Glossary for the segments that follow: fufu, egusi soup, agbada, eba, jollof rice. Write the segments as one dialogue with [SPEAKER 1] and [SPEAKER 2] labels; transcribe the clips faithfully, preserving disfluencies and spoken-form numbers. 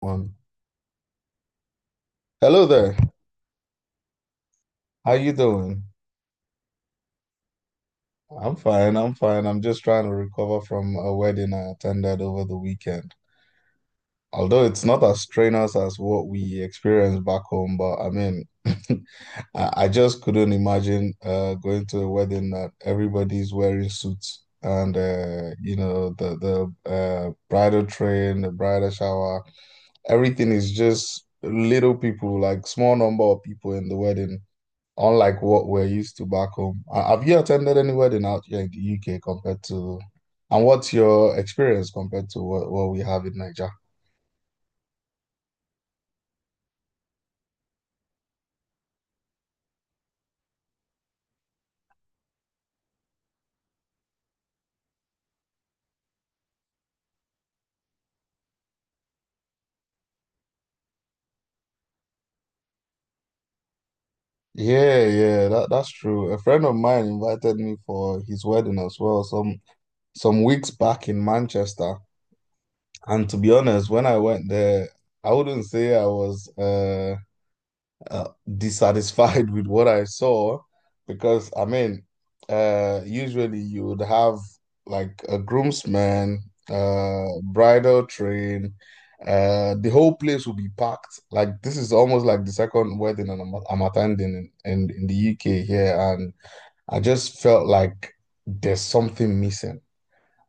[SPEAKER 1] One. Hello there. How you doing? I'm fine. I'm fine. I'm just trying to recover from a wedding I attended over the weekend. Although it's not as strenuous as what we experienced back home, but I mean, I, I just couldn't imagine uh, going to a wedding that everybody's wearing suits and uh, you know the the uh, bridal train, the bridal shower, everything is just little people, like small number of people in the wedding, unlike what we're used to back home. Uh, Have you attended any wedding out here in the U K compared to, and what's your experience compared to what, what we have in Nigeria? Yeah, yeah, that, that's true. A friend of mine invited me for his wedding as well, some some weeks back in Manchester. And to be honest, when I went there, I wouldn't say I was uh uh, dissatisfied with what I saw, because I mean, uh, usually you would have like a groomsman, uh, bridal train, uh, the whole place will be packed. Like this is almost like the second wedding I'm, I'm attending in, in in the U K here, and I just felt like there's something missing.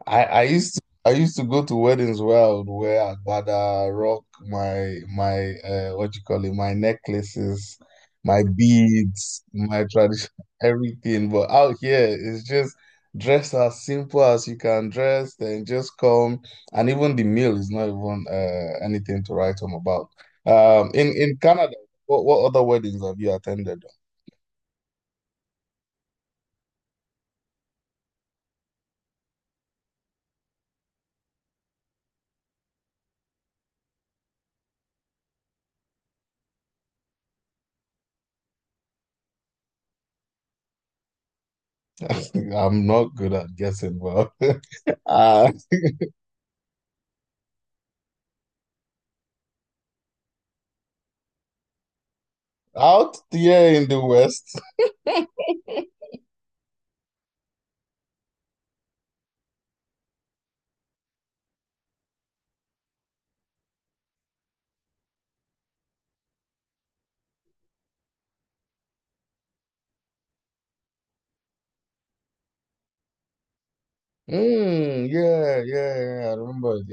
[SPEAKER 1] I I used to I used to go to weddings, well, where I would wear agbada, rock my my uh, what you call it, my necklaces, my beads, my tradition, everything. But out here, it's just dress as simple as you can dress, then just come. And even the meal is not even uh, anything to write home about. Um, in in Canada, what what other weddings have you attended? I'm not good at guessing, but uh, out here in the West. Mm, yeah, yeah, yeah. I remember it.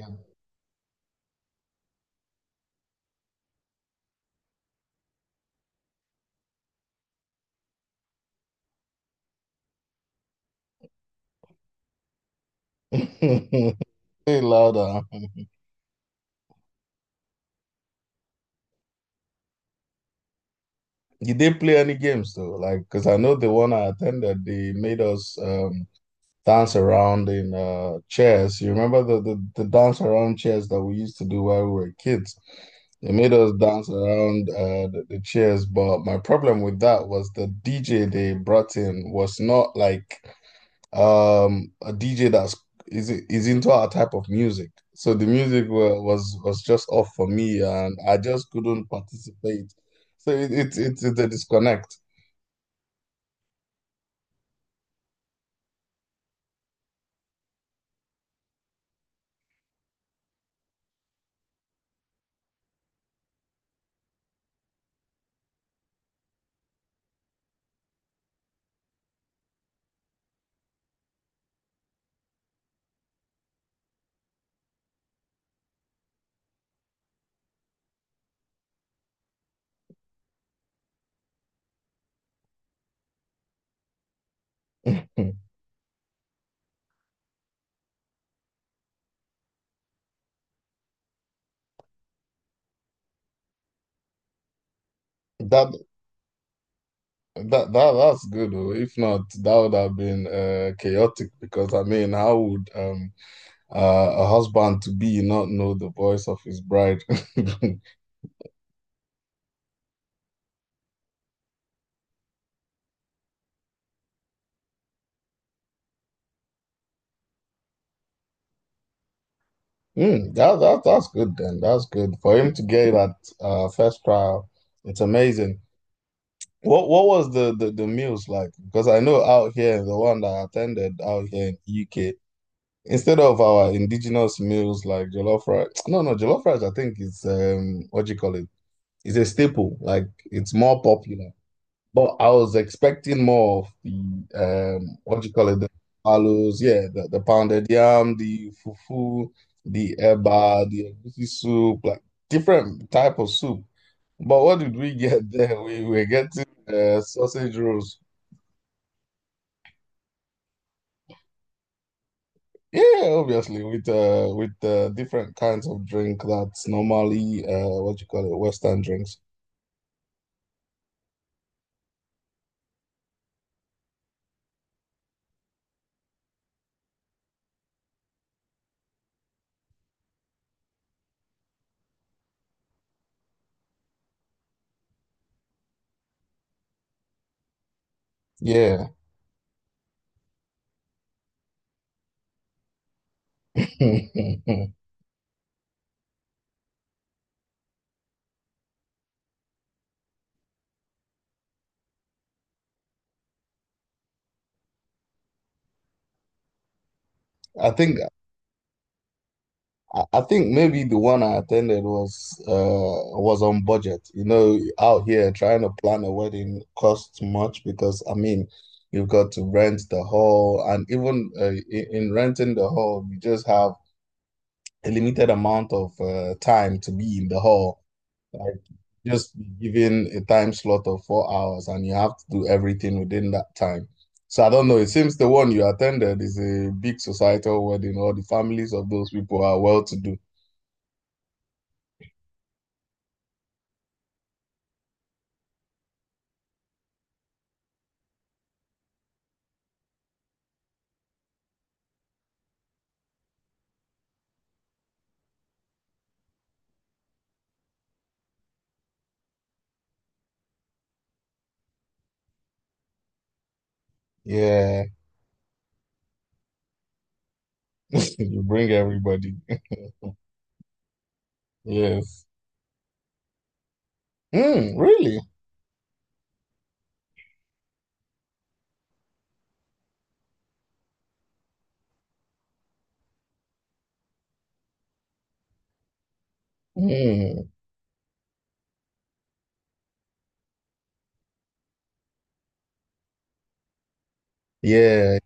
[SPEAKER 1] Yeah. Hey, louder. Did they play any games though? Like, because I know the one I attended, they made us um dance around in uh chairs. You remember the, the the dance around chairs that we used to do while we were kids? They made us dance around uh the, the chairs, but my problem with that was the D J they brought in was not like um a D J that's is is into our type of music. So the music was was, was just off for me, and I just couldn't participate. So it, it, it's it's a disconnect. That that that that's good. Oh, if not, that would have been uh, chaotic, because I mean, how would um uh, a husband to be not know the voice of his bride? Hmm, that that that's good then. That's good for him to get it at uh, first trial. It's amazing. What what was the, the the meals like? Because I know out here, the one that I attended out here in U K, instead of our indigenous meals like jollof rice, no, no, jollof rice, I think it's um what do you call it? It's a staple. Like it's more popular. But I was expecting more of the um what do you call it? The palos, yeah, the, the pounded yam, the fufu, the eba, the egusi soup, like different type of soup. But what did we get there? We were getting uh, sausage rolls. Yeah, obviously with uh with uh, different kinds of drink that's normally uh what you call it, Western drinks. Yeah, I think I I think maybe the one I attended was uh was on budget. You know, out here trying to plan a wedding costs much, because I mean you've got to rent the hall, and even uh, i- in renting the hall you just have a limited amount of uh, time to be in the hall. Like just be given a time slot of four hours, and you have to do everything within that time. So I don't know. It seems the one you attended is a big societal wedding. All the families of those people are well to do. Yeah. You bring everybody. Yes. Hmm, really? Hmm, yeah.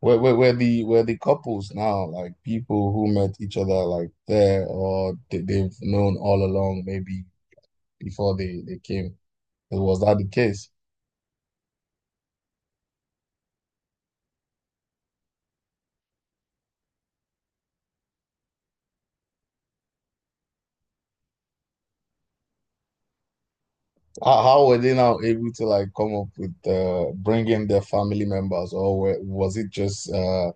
[SPEAKER 1] Where, where, where the where the couples now, like people who met each other like there, or they, they've known all along, maybe before they, they came. Was that the case? How, how were they now able to like come up with uh, bringing their family members, or were, was it just uh,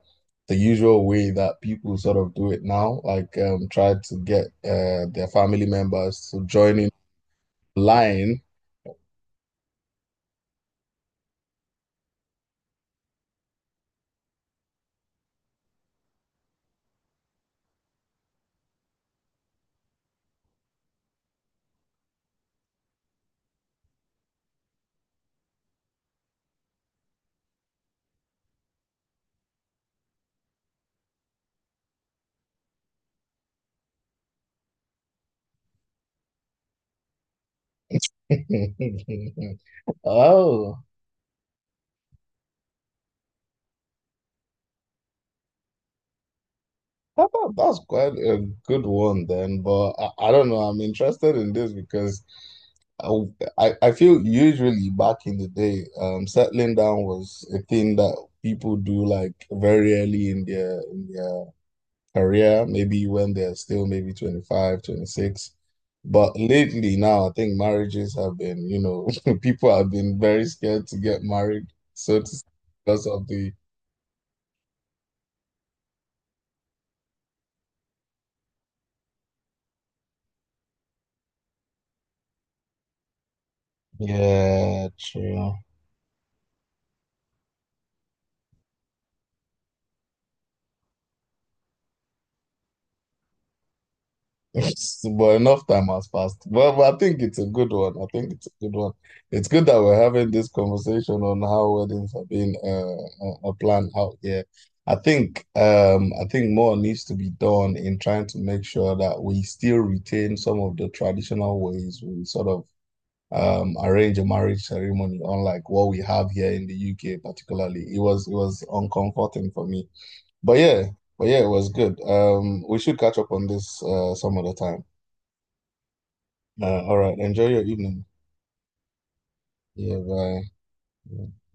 [SPEAKER 1] the usual way that people sort of do it now? Like um, try to get uh, their family members to join in line. Oh. That, that, that's quite a good one then, but I, I don't know. I'm interested in this because I, I I feel usually back in the day, um, settling down was a thing that people do like very early in their in their career, maybe when they're still maybe twenty five, twenty six. But lately now, I think marriages have been, you know, people have been very scared to get married, so to speak, because of the yeah, true. But enough time has passed. Well, but I think it's a good one. I think it's a good one. It's good that we're having this conversation on how weddings are being uh, uh, uh, planned out here. I think um I think more needs to be done in trying to make sure that we still retain some of the traditional ways we sort of um arrange a marriage ceremony, unlike what we have here in the U K particularly. It was it was uncomforting for me. But yeah, but yeah, it was good. Um, we should catch up on this uh, some other time. Uh, all right. Enjoy your evening. Yeah, bye. Yeah.